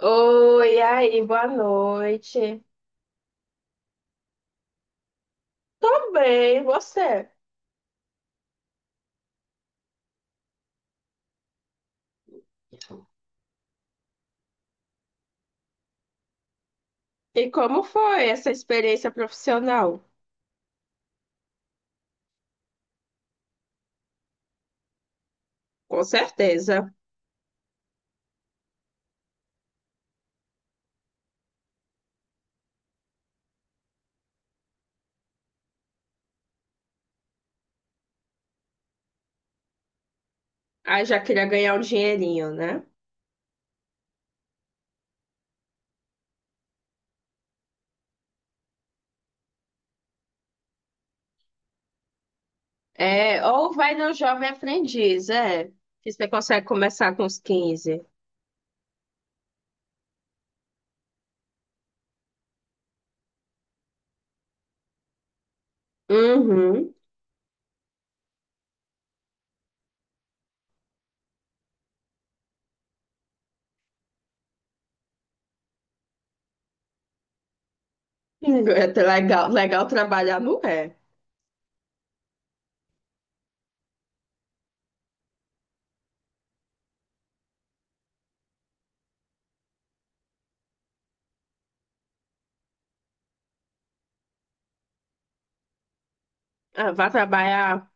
Oi, e aí, boa noite. Tô bem, e você? E como foi essa experiência profissional? Com certeza. Ah, já queria ganhar um dinheirinho, né? É, ou vai no Jovem Aprendiz, é. Que você consegue começar com os 15. Uhum. É até legal, legal trabalhar, não é? Ah, vai trabalhar.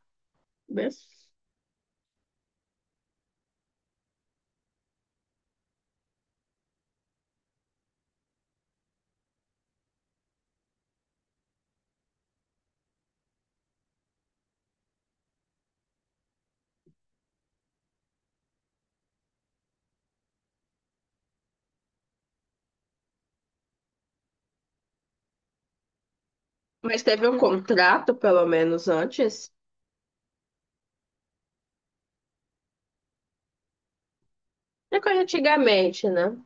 Mas teve um contrato, pelo menos, antes. É coisa antigamente, né?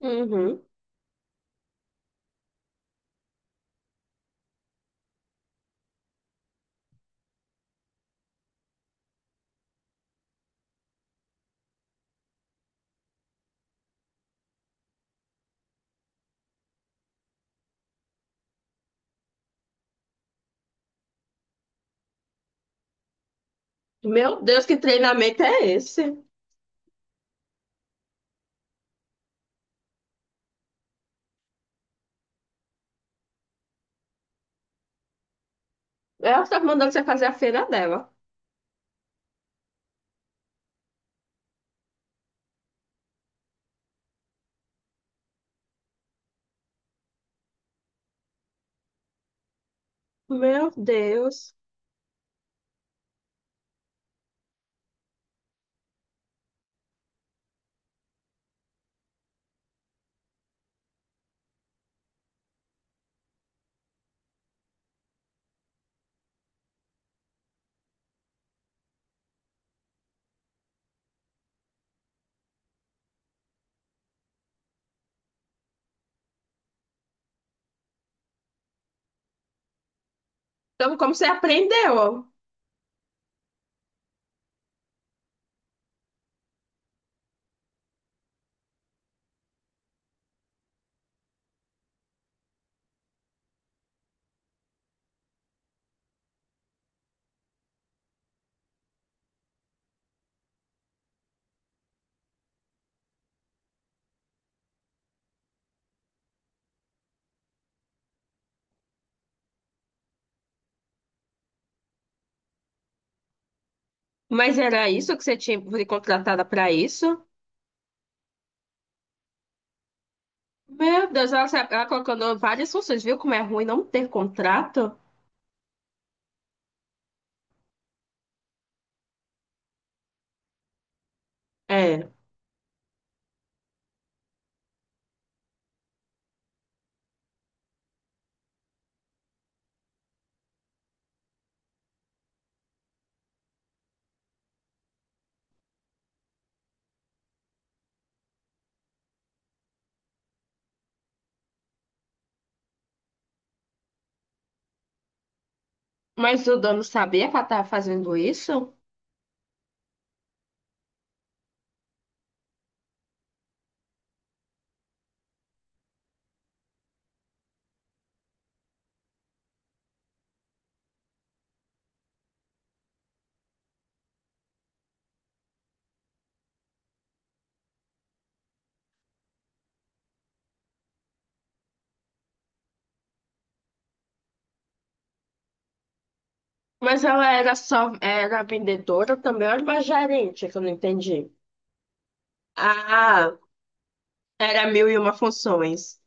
Uhum. Meu Deus, que treinamento é esse? Ela está mandando você fazer a feira dela. Meu Deus. Então, como você aprendeu? Mas era isso que você tinha foi contratada para isso? Meu Deus, ela, ela colocando várias funções, viu como é ruim não ter contrato? É. Mas o dono sabia que ela estava fazendo isso? Mas ela era só, era vendedora também, ou era uma gerente, que eu não entendi. Ah, era mil e uma funções.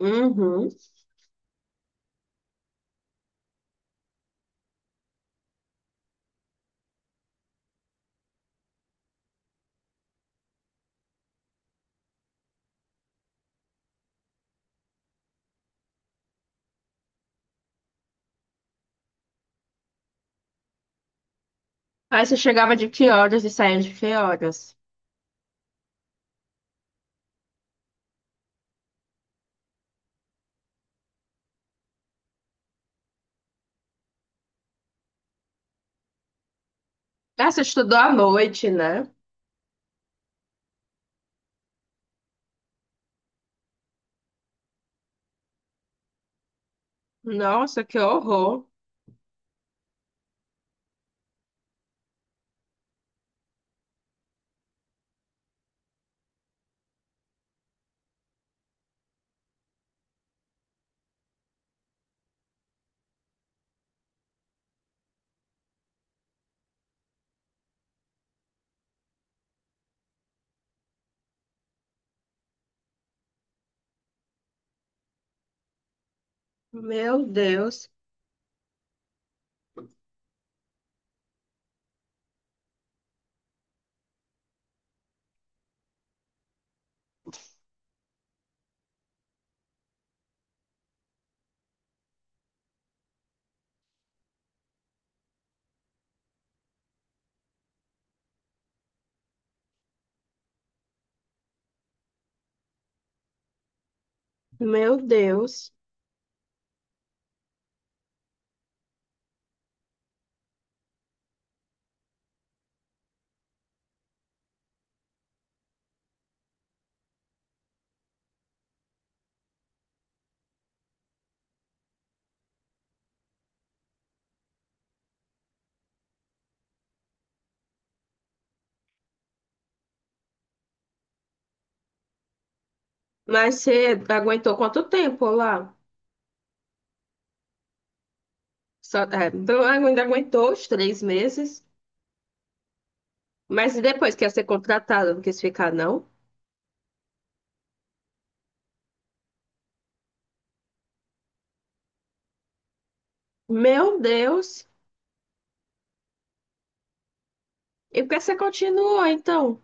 Uhum. Aí você chegava de que horas e saía de que horas? Ah, você estudou à noite, né? Nossa, que horror. Meu Deus, meu Deus. Mas você aguentou quanto tempo lá? Só, é, então ainda aguentou os 3 meses, mas e depois que ia ser contratada, não quis ficar, não? Meu Deus! E por que você continuou, então?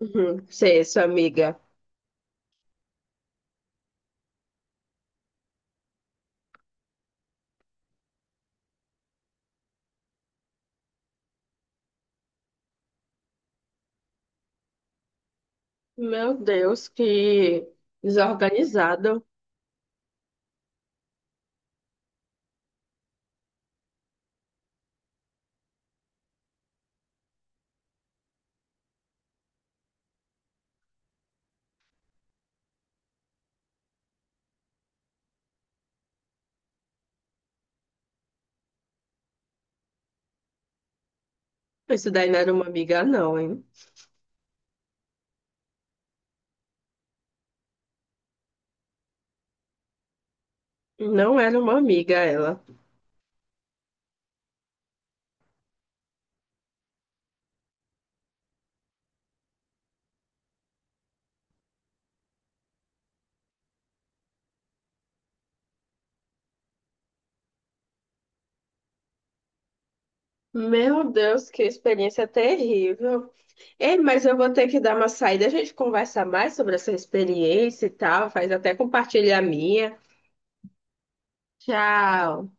Uhum, você, sua amiga. Meu Deus, que desorganizado. Isso daí não era uma amiga, não, hein? Não era uma amiga ela. Meu Deus, que experiência terrível. Ei, mas eu vou ter que dar uma saída. A gente conversa mais sobre essa experiência e tal. Faz até compartilhar a minha. Tchau.